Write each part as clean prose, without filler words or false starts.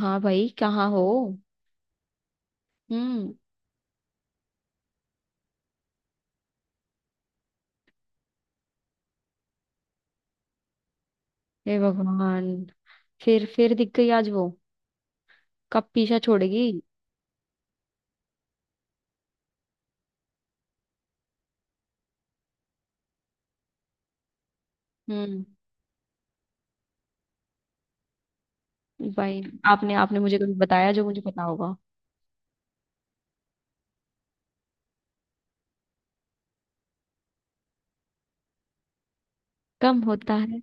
हाँ भाई कहाँ हो? हम्म। हे भगवान। फिर दिख गई आज वो। कब पीछा छोड़ेगी? हम्म। भाई। आपने आपने मुझे कभी बताया जो मुझे पता होगा? कम होता है।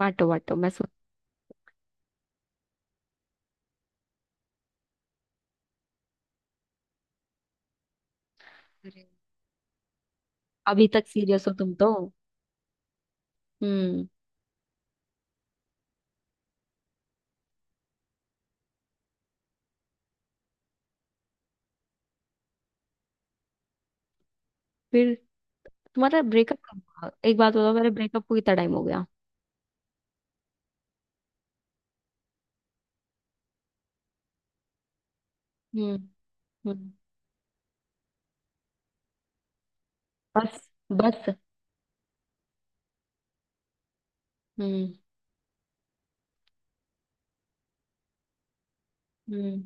बांटो बांटो, मैं सोच रही हूँ। अभी तक सीरियस हो तुम तो? हम्म। फिर। तुम्हारा ब्रेकअप कब हुआ? एक बात बताओ, मेरे ब्रेकअप को कितना टाइम हो गया? हम्म, हम्म। बस, बस। हम्म, हम्म।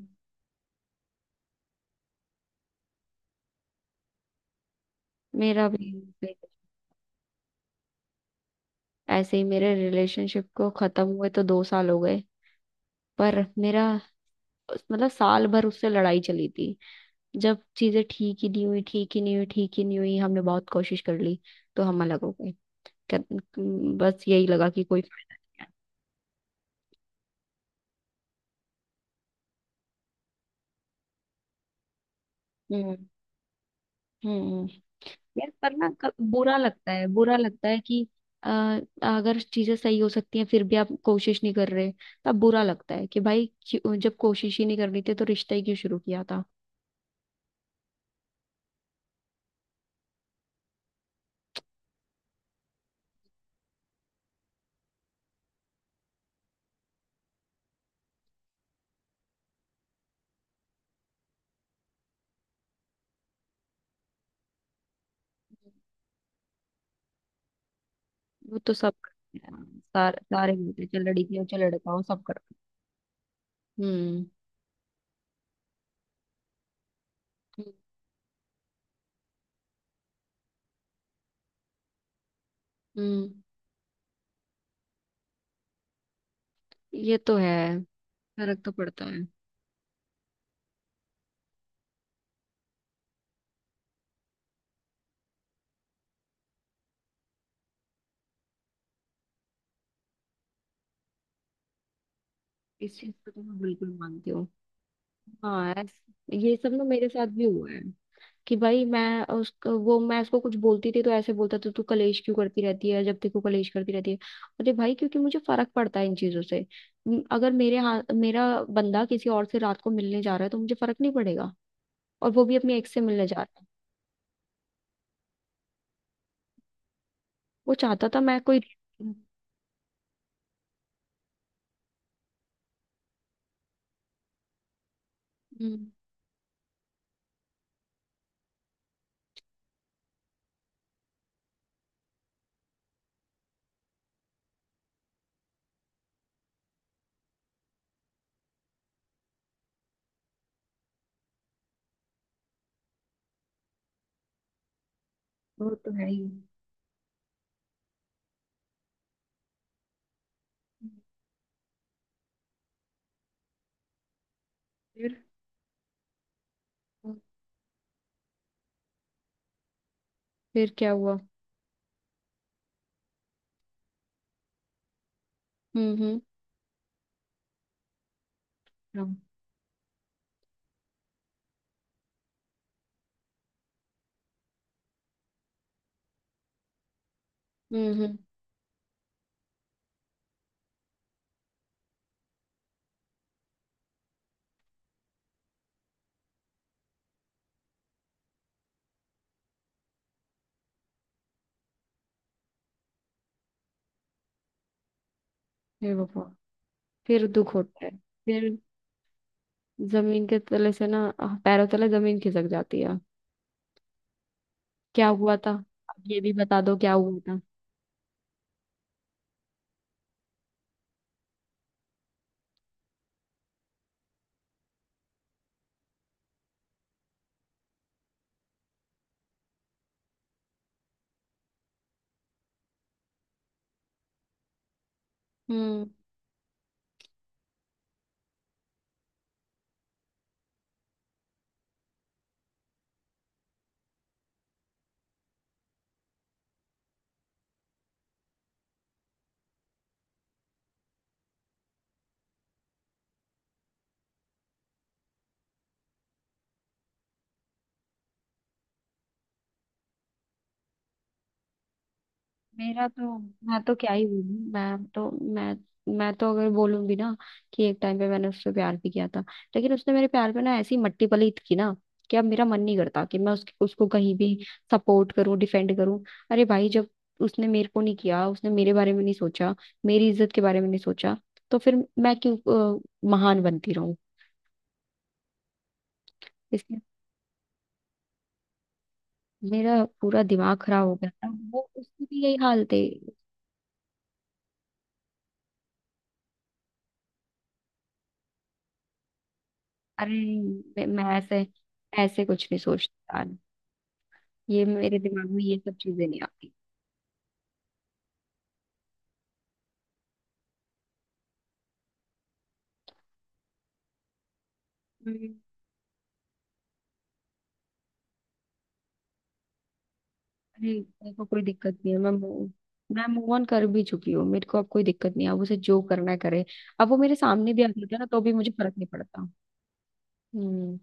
मेरा भी। breakup- ऐसे ही मेरे रिलेशनशिप को खत्म हुए तो 2 साल हो गए। पर मेरा। मतलब साल भर उससे लड़ाई चली थी। जब चीजें ठीक ही नहीं हुई, ठीक ही नहीं हुई, ठीक ही नहीं हुई, हमने बहुत कोशिश कर ली। तो हम अलग हो गए। कर- बस यही लगा कि कोई फायदा नहीं है। हम्म, हम्म। यार पर ना, बुरा लगता है, बुरा लगता है कि अ, अगर चीजें सही हो सकती हैं फिर भी आप कोशिश नहीं कर रहे। तब बुरा लगता है कि भाई जब कोशिश ही नहीं करनी थी तो रिश्ता ही क्यों शुरू किया था? वो तो सब करते हैं, सारे सारे मिलते हैं, चल लड़की हो चल लड़का हो सब करते हैं। हम्म, हम्म, हम्म। ये तो है। फर्क तो पड़ता है। इस चीज को तो मैं बिल्कुल मानती हूँ। हाँ, ये सब ना मेरे साथ भी हुआ है। कि भाई मैं उसको कुछ बोलती थी तो ऐसे बोलता था, तू कलेश क्यों करती रहती है, जब देखो कलेश करती रहती है। अरे भाई क्योंकि मुझे फर्क पड़ता है इन चीजों से। अगर मेरे हाथ मेरा बंदा किसी और से रात को मिलने जा रहा है तो मुझे फर्क नहीं पड़ेगा। और वो भी अपने एक्स से मिलने जा रहा है। वो चाहता था मैं कोई। हम्म। वो तो है ही। फिर। फिर क्या हुआ? हम्म, हम्म, हम्म, हम्म। हे बाबा। फिर दुख होता है। फिर। जमीन के तले से ना आह, पैरों तले जमीन खिसक जाती है। क्या हुआ था? अब ये भी बता दो, क्या हुआ था? हम्म। मेरा तो। मैं तो क्या ही बोलूं। मैं तो अगर बोलूंगी ना, कि एक टाइम पे मैंने उससे प्यार भी किया था। लेकिन उसने मेरे प्यार पे ना ऐसी मट्टी पलीत की ना, कि अब मेरा मन नहीं करता कि मैं उसकी उसको कहीं भी सपोर्ट करूं डिफेंड करूं। अरे भाई, जब उसने मेरे को नहीं किया, उसने मेरे बारे में नहीं सोचा, मेरी इज्जत के बारे में नहीं सोचा, तो फिर मैं क्यों महान बनती रहूं। इसलिए। मेरा पूरा दिमाग खराब हो गया था, वो उसकी भी यही हाल थी। अरे मैं ऐसे ऐसे कुछ नहीं सोचती यार। ये मेरे दिमाग में ये सब चीजें नहीं आती। हम्म। अरे मेरे को कोई दिक्कत नहीं है, मैं मैं मूव ऑन कर भी चुकी हूँ, मेरे को अब कोई दिक्कत नहीं है, अब उसे जो करना है करे। अब वो मेरे सामने भी आ जाता है ना तो भी मुझे फर्क नहीं पड़ता। हम्म।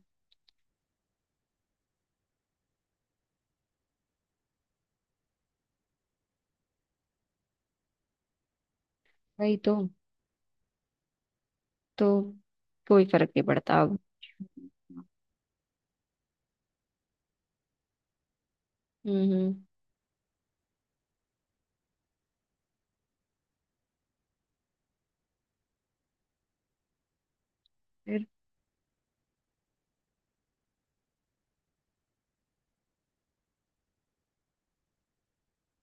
वही तो। तो कोई फर्क नहीं पड़ता अब। हम्म, हम्म। फिर।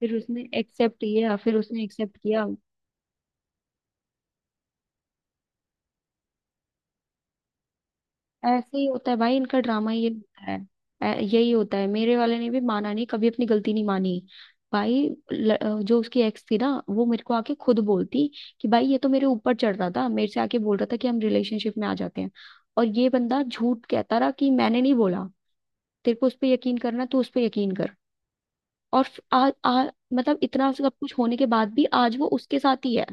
फिर उसने एक्सेप्ट किया? फिर उसने एक्सेप्ट किया? ऐसे ही होता है भाई, इनका ड्रामा ये होता है। यही होता है, मेरे वाले ने भी माना नहीं, कभी अपनी गलती नहीं मानी। भाई जो उसकी एक्स थी ना, वो मेरे को आके खुद बोलती कि भाई ये तो मेरे ऊपर चढ़ रहा था, मेरे से आके बोल रहा था कि हम रिलेशनशिप में आ जाते हैं। और ये बंदा झूठ कहता रहा कि मैंने नहीं बोला। तेरे को उस पर यकीन करना तो उस पर यकीन कर। और फ- आ, आ, मतलब इतना सब कुछ होने के बाद भी आज वो उसके साथ ही है।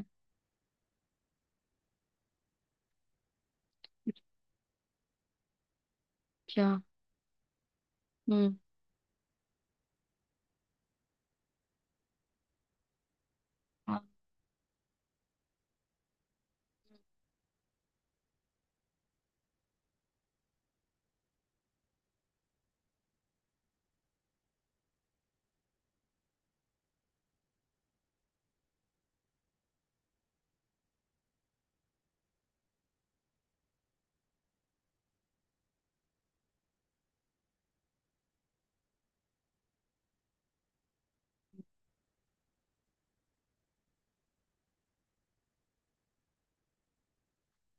क्या? हम्म। हाँ।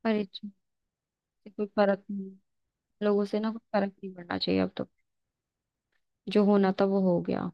पर इससे कोई फर्क नहीं। लोगों से ना कोई फर्क नहीं पड़ना चाहिए अब तो। जो होना था वो हो गया।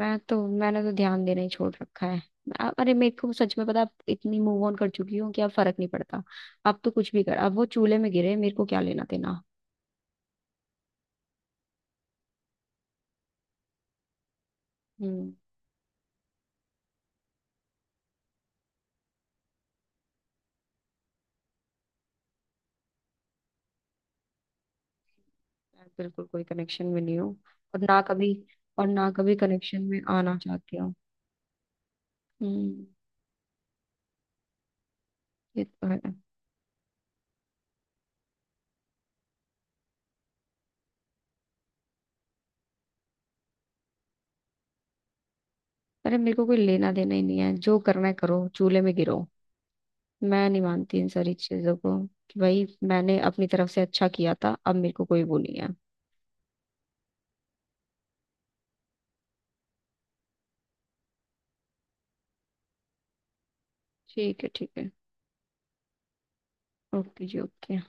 मैंने तो ध्यान देना ही छोड़ रखा है। अरे मेरे को सच में पता है, अब इतनी मूव ऑन कर चुकी हूँ कि अब फर्क नहीं पड़ता। अब तो कुछ भी कर, अब वो चूल्हे में गिरे, मेरे को क्या लेना देना। हम्म। मैं बिल्कुल कोई कनेक्शन में नहीं हूँ। और ना कभी और ना कभी कनेक्शन में आना चाहती हूँ। हम्म। ये तो है। अरे मेरे को कोई लेना देना ही नहीं है, जो करना है करो, चूल्हे में गिरो। मैं नहीं मानती इन सारी चीजों को। कि भाई मैंने अपनी तरफ से अच्छा किया था, अब मेरे को कोई वो नहीं है। ठीक है, ठीक है। ओके जी, ओके।